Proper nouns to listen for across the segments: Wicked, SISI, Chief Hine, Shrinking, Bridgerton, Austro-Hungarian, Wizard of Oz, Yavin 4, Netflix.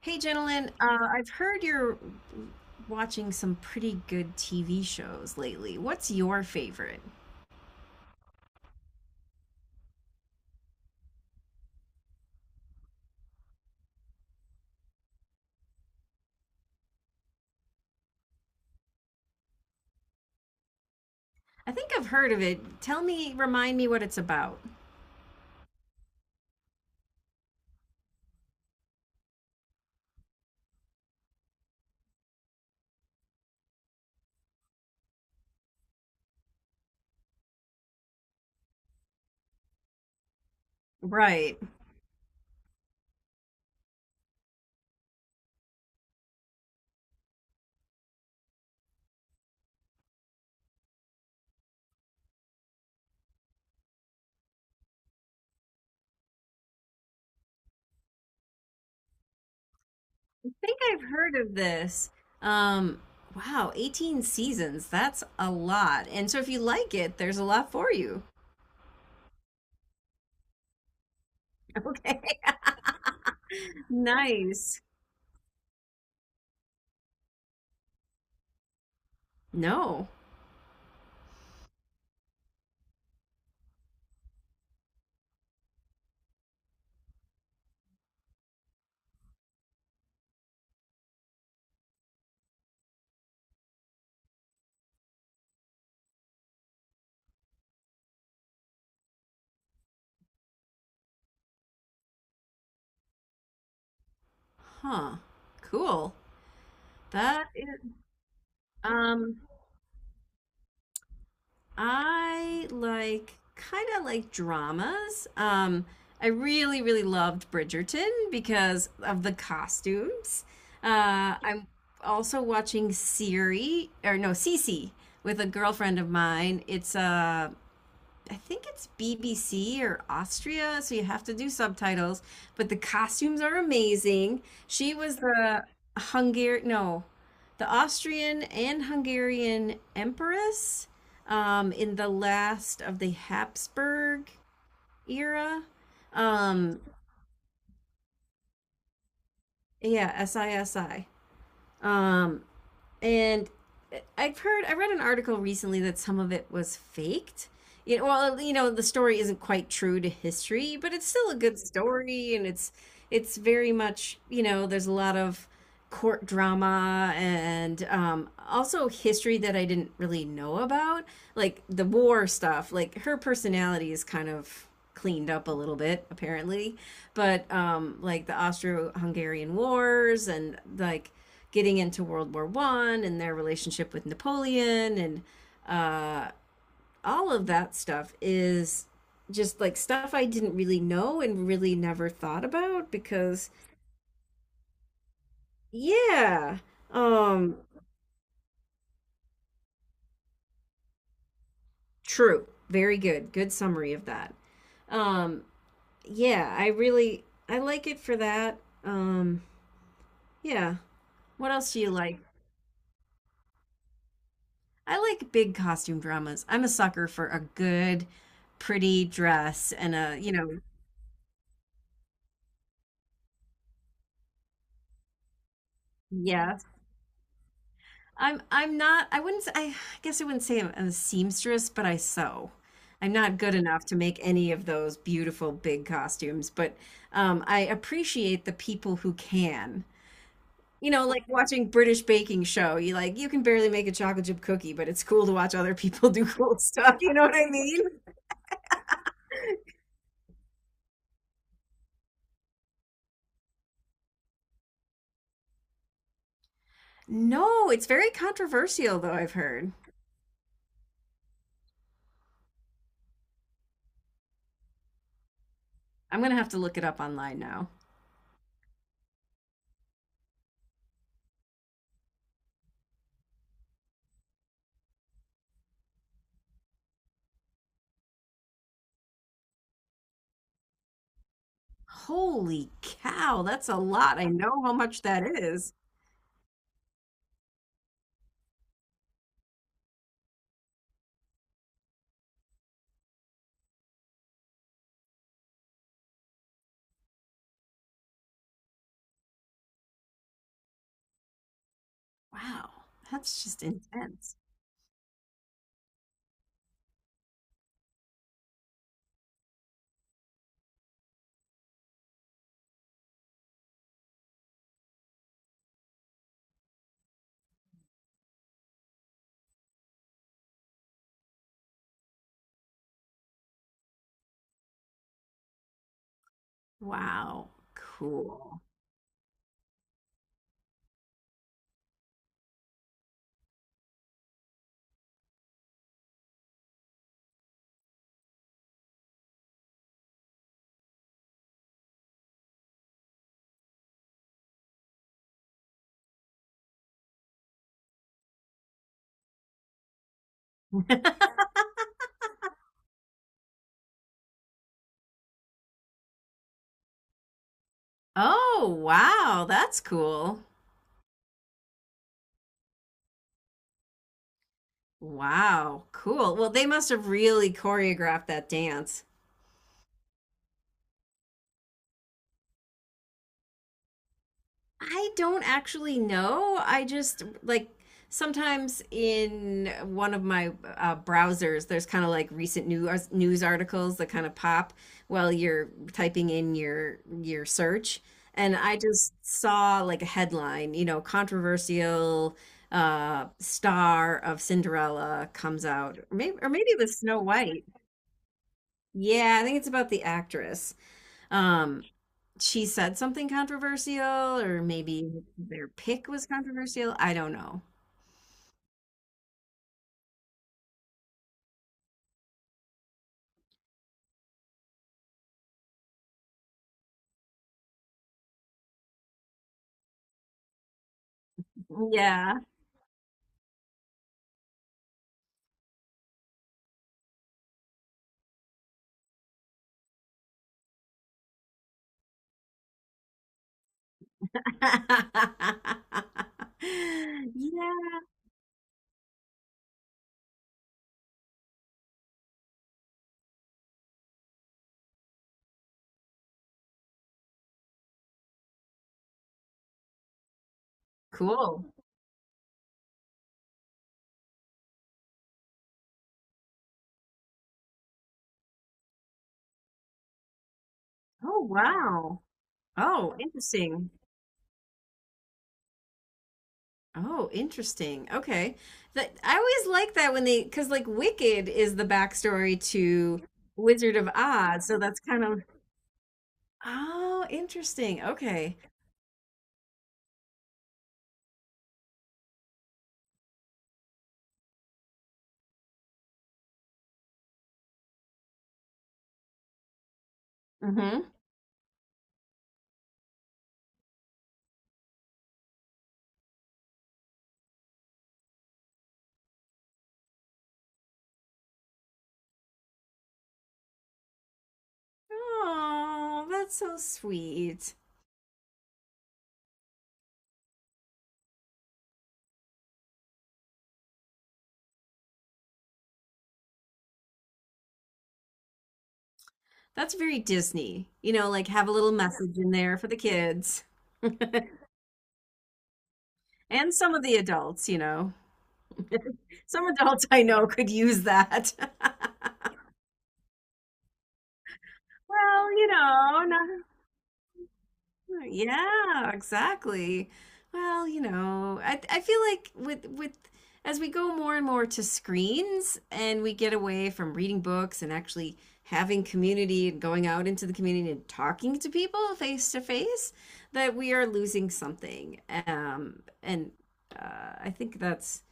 Hey, gentlemen, I've heard you're watching some pretty good TV shows lately. What's your favorite? I think I've heard of it. Tell me, remind me what it's about. Right. I think I've heard of this. Um, wow, 18 seasons. That's a lot. And so if you like it, there's a lot for you. Okay. Nice. No. Huh. Cool. That is, um, I like kind of like dramas. I really, really loved Bridgerton because of the costumes. I'm also watching Siri, or no, Cece with a girlfriend of mine. It's a I think it's BBC or Austria, so you have to do subtitles. But the costumes are amazing. She was the Hungarian, no, the Austrian and Hungarian empress in the last of the Habsburg era. Um, yeah, SISI. Um, and I've heard, I read an article recently that some of it was faked. You know, well, you know, the story isn't quite true to history, but it's still a good story, and it's very much, you know, there's a lot of court drama and also history that I didn't really know about, like the war stuff. Like her personality is kind of cleaned up a little bit, apparently, but like the Austro-Hungarian wars and like getting into World War One and their relationship with Napoleon and uh, all of that stuff is just like stuff I didn't really know and really never thought about because yeah. Um True. Very good. Good summary of that. Um yeah, I really I like it for that. Um yeah. What else do you like? I like big costume dramas. I'm a sucker for a good pretty dress and a, you know, yes, I guess I wouldn't say I'm a seamstress, but I sew. I'm not good enough to make any of those beautiful big costumes, but I appreciate the people who can. You know, like watching British baking show, you like you can barely make a chocolate chip cookie, but it's cool to watch other people do cool stuff. You know what I mean? No, it's very controversial though, I've heard. I'm gonna have to look it up online now. Holy cow, that's a lot. I know how much that is. Wow, that's just intense. Wow, cool. Oh, wow, that's cool. Wow, cool. Well, they must have really choreographed that dance. I don't actually know. I just like sometimes in one of my browsers, there's kind of like recent news articles that kind of pop while you're typing in your search, and I just saw like a headline, you know, controversial star of Cinderella comes out, or maybe the Snow White. Yeah, I think it's about the actress. Um, she said something controversial, or maybe their pick was controversial. I don't know. Yeah. Yeah. Cool. Oh, wow. Oh, interesting. Oh, interesting. Okay. That I always like that when they, because like Wicked is the backstory to Wizard of Oz, so that's kind of oh, interesting. Okay. Mm-hmm. Oh, that's so sweet. That's very Disney. You know, like have a little message in there for the kids and some of the adults, you know. Some adults I know could use that. Well, you know, not yeah, exactly. Well, you know, I feel like with as we go more and more to screens and we get away from reading books and actually having community and going out into the community and talking to people face to face, that we are losing something. And I think that's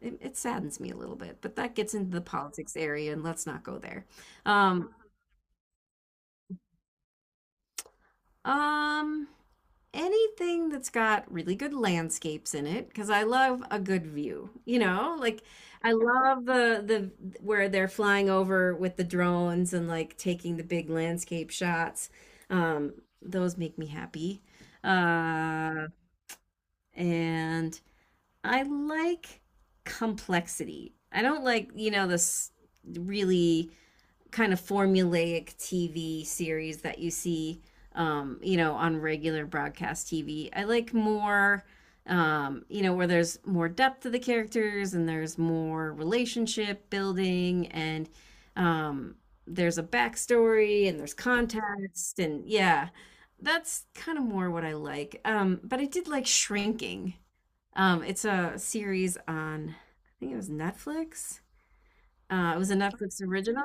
it, it saddens me a little bit, but that gets into the politics area and let's not go there. Um, um Anything that's got really good landscapes in it because I love a good view. You know, like I love the where they're flying over with the drones and like taking the big landscape shots. Um, those make me happy. Uh, and I like complexity. I don't like, you know, this really kind of formulaic TV series that you see, you know, on regular broadcast TV. I like more, you know, where there's more depth to the characters and there's more relationship building and um, there's a backstory and there's context and yeah, that's kind of more what I like. But I did like Shrinking. It's a series on, I think it was Netflix. It was a Netflix original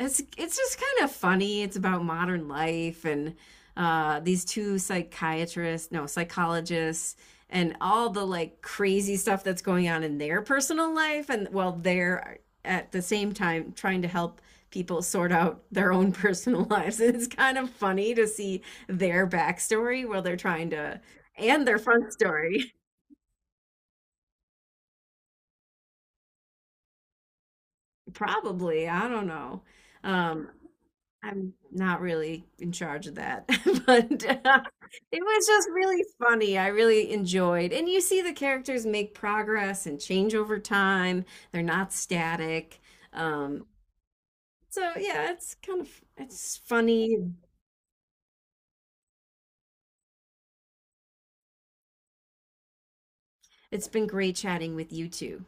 it's just kind of funny. It's about modern life and these two psychiatrists, no psychologists, and all the like crazy stuff that's going on in their personal life, and while they're at the same time trying to help people sort out their own personal lives. And it's kind of funny to see their backstory while they're trying to and their front story. Probably, I don't know. Um, I'm not really in charge of that, but it was just really funny, I really enjoyed and you see the characters make progress and change over time, they're not static, um, so yeah, it's kind of it's funny, it's been great chatting with you two.